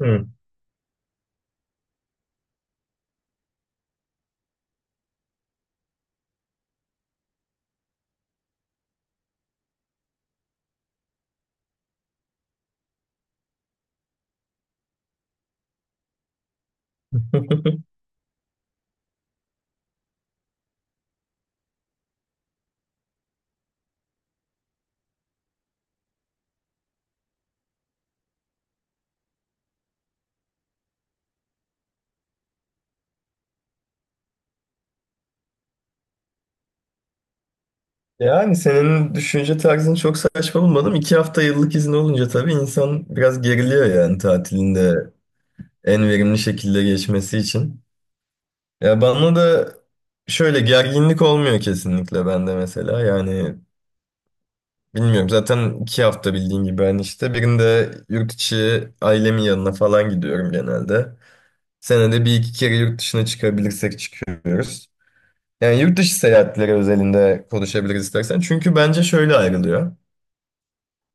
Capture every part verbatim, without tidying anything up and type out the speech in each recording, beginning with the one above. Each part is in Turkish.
Hı. Yani senin düşünce tarzını çok saçma bulmadım. İki hafta yıllık izin olunca tabii insan biraz geriliyor yani tatilinde en verimli şekilde geçmesi için. Ya bana da şöyle gerginlik olmuyor kesinlikle bende mesela. Yani bilmiyorum zaten iki hafta bildiğin gibi ben işte birinde yurt içi ailemin yanına falan gidiyorum genelde. Senede bir iki kere yurt dışına çıkabilirsek çıkıyoruz. Yani yurt dışı seyahatleri özelinde konuşabiliriz istersen. Çünkü bence şöyle ayrılıyor.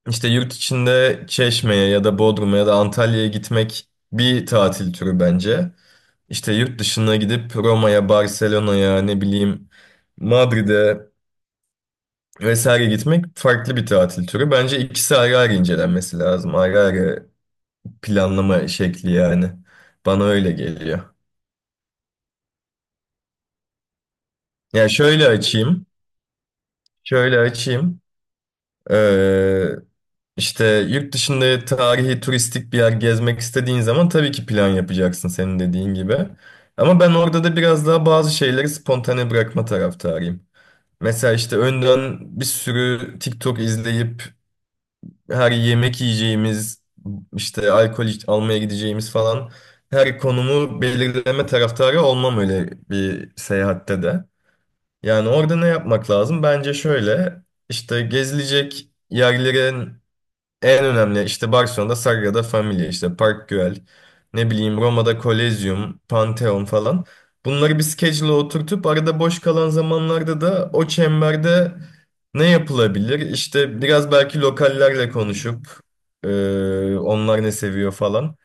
İşte yurt içinde Çeşme'ye ya da Bodrum'a ya da Antalya'ya gitmek bir tatil türü bence. İşte yurt dışına gidip Roma'ya, Barcelona'ya, ne bileyim Madrid'e vesaire gitmek farklı bir tatil türü. Bence ikisi ayrı ayrı incelenmesi lazım. Ayrı ayrı planlama şekli yani. Bana öyle geliyor. Ya şöyle açayım. Şöyle açayım. Ee, İşte yurt dışında tarihi turistik bir yer gezmek istediğin zaman tabii ki plan yapacaksın senin dediğin gibi. Ama ben orada da biraz daha bazı şeyleri spontane bırakma taraftarıyım. Mesela işte önden bir sürü TikTok izleyip her yemek yiyeceğimiz, işte alkol iç- almaya gideceğimiz falan her konumu belirleme taraftarı olmam öyle bir seyahatte de. Yani orada ne yapmak lazım? Bence şöyle işte gezilecek yerlerin en önemli işte Barcelona'da Sagrada Familia işte Park Güell ne bileyim Roma'da Kolezyum, Pantheon falan. Bunları bir schedule'a oturtup arada boş kalan zamanlarda da o çemberde ne yapılabilir? İşte biraz belki lokallerle konuşup e, onlar ne seviyor falan.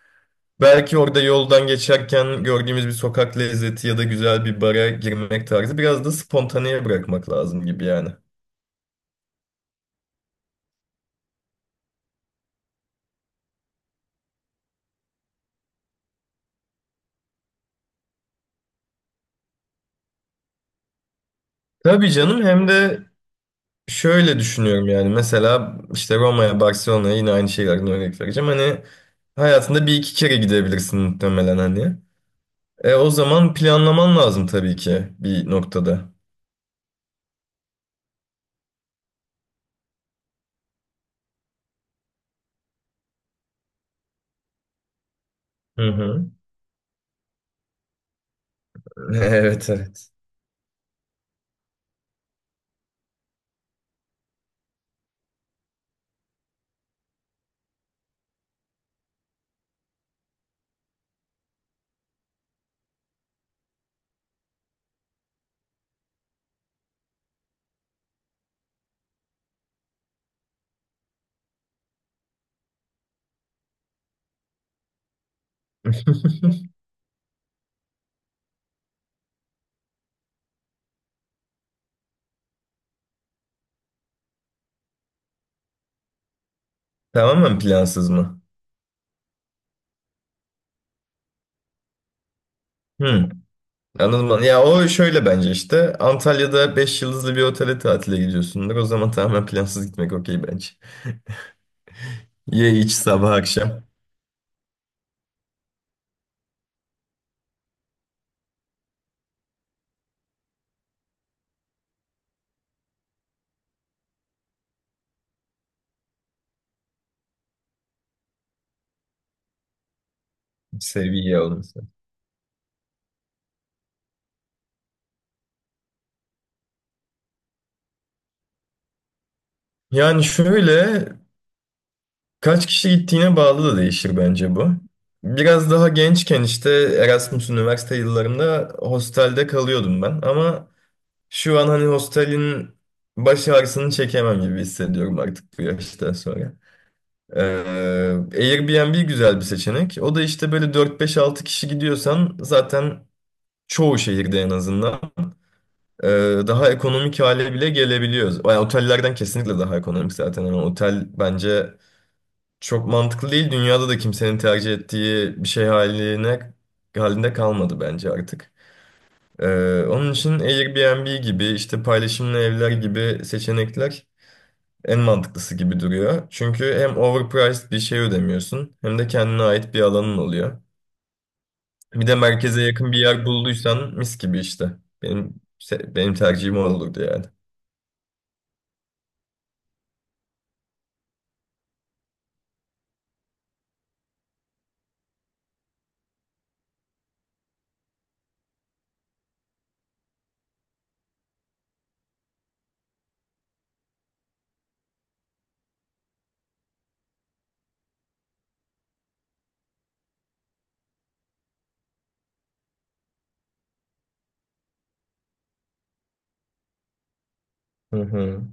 Belki orada yoldan geçerken gördüğümüz bir sokak lezzeti ya da güzel bir bara girmek tarzı biraz da spontaneye bırakmak lazım gibi yani. Tabii canım hem de şöyle düşünüyorum yani mesela işte Roma'ya, Barcelona'ya yine aynı şeylerden örnek vereceğim. Hani hayatında bir iki kere gidebilirsin muhtemelen hani. E, o zaman planlaman lazım tabii ki bir noktada. Hı hı. Evet evet. Tamamen plansız mı? Hı. Anladım ben. Ya o şöyle bence işte Antalya'da beş yıldızlı bir otele tatile gidiyorsundur. O zaman tamamen plansız gitmek okey bence. Ye iç sabah akşam. Seviye olması. Yani şöyle kaç kişi gittiğine bağlı da değişir bence bu. Biraz daha gençken işte Erasmus üniversite yıllarımda hostelde kalıyordum ben. Ama şu an hani hostelin baş ağrısını çekemem gibi hissediyorum artık bu yaştan sonra. Ee, Airbnb güzel bir seçenek. O da işte böyle dört beş altı kişi gidiyorsan zaten çoğu şehirde en azından ee, daha ekonomik hale bile gelebiliyoruz. Yani otellerden kesinlikle daha ekonomik zaten. Yani otel bence çok mantıklı değil. Dünyada da kimsenin tercih ettiği bir şey haline halinde kalmadı bence artık. Ee, onun için Airbnb gibi işte paylaşımlı evler gibi seçenekler en mantıklısı gibi duruyor. Çünkü hem overpriced bir şey ödemiyorsun hem de kendine ait bir alanın oluyor. Bir de merkeze yakın bir yer bulduysan mis gibi işte. Benim benim tercihim o olurdu yani. Hı hı.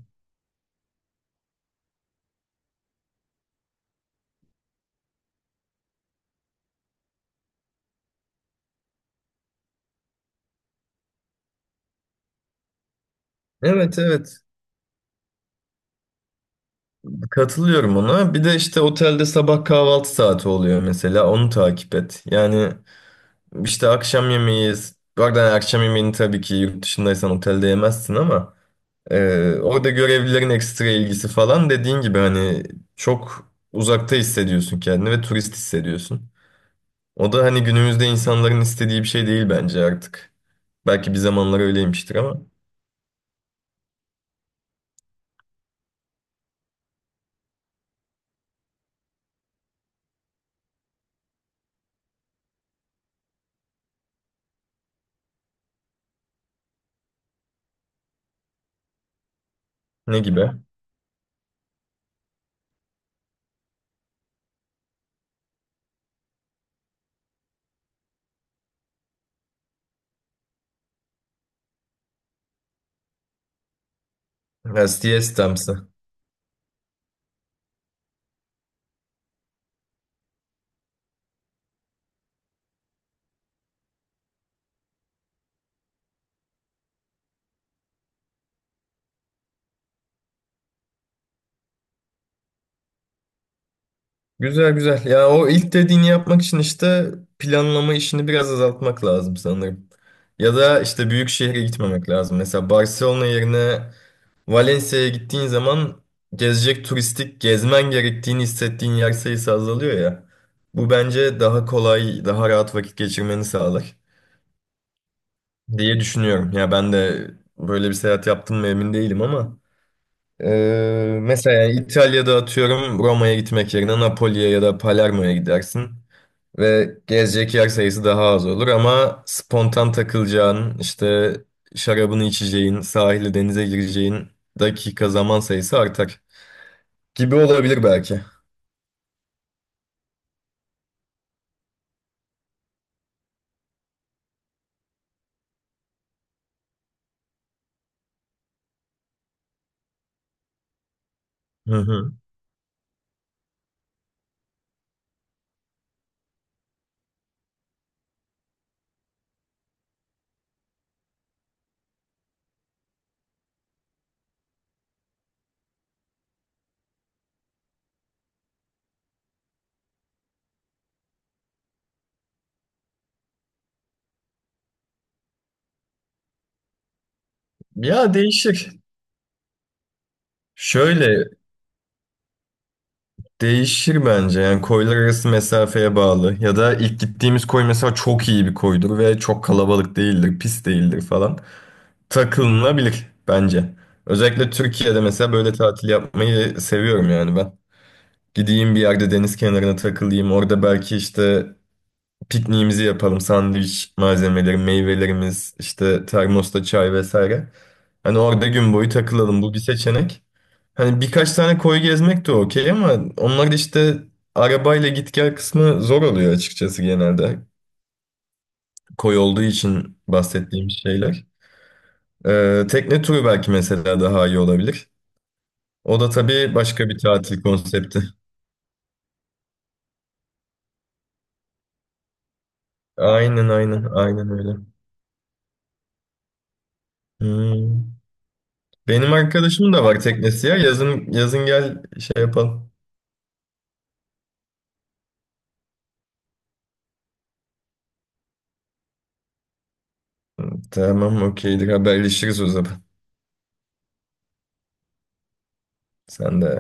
Evet evet. Katılıyorum ona. Bir de işte otelde sabah kahvaltı saati oluyor mesela. Onu takip et. Yani işte akşam yemeği, bu arada akşam yemeğini tabii ki yurt dışındaysan otelde yemezsin ama e, orada görevlilerin ekstra ilgisi falan dediğin gibi hani çok uzakta hissediyorsun kendini ve turist hissediyorsun. O da hani günümüzde insanların istediği bir şey değil bence artık. Belki bir zamanlar öyleymiştir ama ne gibi? Ha, siestamsı. Güzel güzel. Ya o ilk dediğini yapmak için işte planlama işini biraz azaltmak lazım sanırım. Ya da işte büyük şehre gitmemek lazım. Mesela Barcelona yerine Valencia'ya gittiğin zaman gezecek turistik gezmen gerektiğini hissettiğin yer sayısı azalıyor ya. Bu bence daha kolay, daha rahat vakit geçirmeni sağlar diye düşünüyorum. Ya ben de böyle bir seyahat yaptım mı emin değilim ama ee, mesela yani İtalya'da atıyorum Roma'ya gitmek yerine Napoli'ye ya da Palermo'ya gidersin. Ve gezecek yer sayısı daha az olur ama spontan takılacağın, işte şarabını içeceğin, sahile denize gireceğin dakika zaman sayısı artar gibi olabilir belki. Hı hı. Ya değişir. Şöyle değişir bence yani koylar arası mesafeye bağlı ya da ilk gittiğimiz koy mesela çok iyi bir koydur ve çok kalabalık değildir, pis değildir falan. Takılınabilir bence. Özellikle Türkiye'de mesela böyle tatil yapmayı seviyorum yani ben. Gideyim bir yerde deniz kenarına takılayım. Orada belki işte pikniğimizi yapalım. Sandviç malzemeleri, meyvelerimiz, işte termosta çay vesaire. Hani orada gün boyu takılalım. Bu bir seçenek. Hani birkaç tane koy gezmek de okey ama onlar da işte arabayla git gel kısmı zor oluyor açıkçası genelde. Koy olduğu için bahsettiğim şeyler. Ee, tekne turu belki mesela daha iyi olabilir. O da tabii başka bir tatil konsepti. Aynen aynen aynen öyle. Hmm. Benim arkadaşımın da var teknesi ya. Yazın yazın gel şey yapalım. Tamam okeydir haberleşiriz o zaman. Sen de.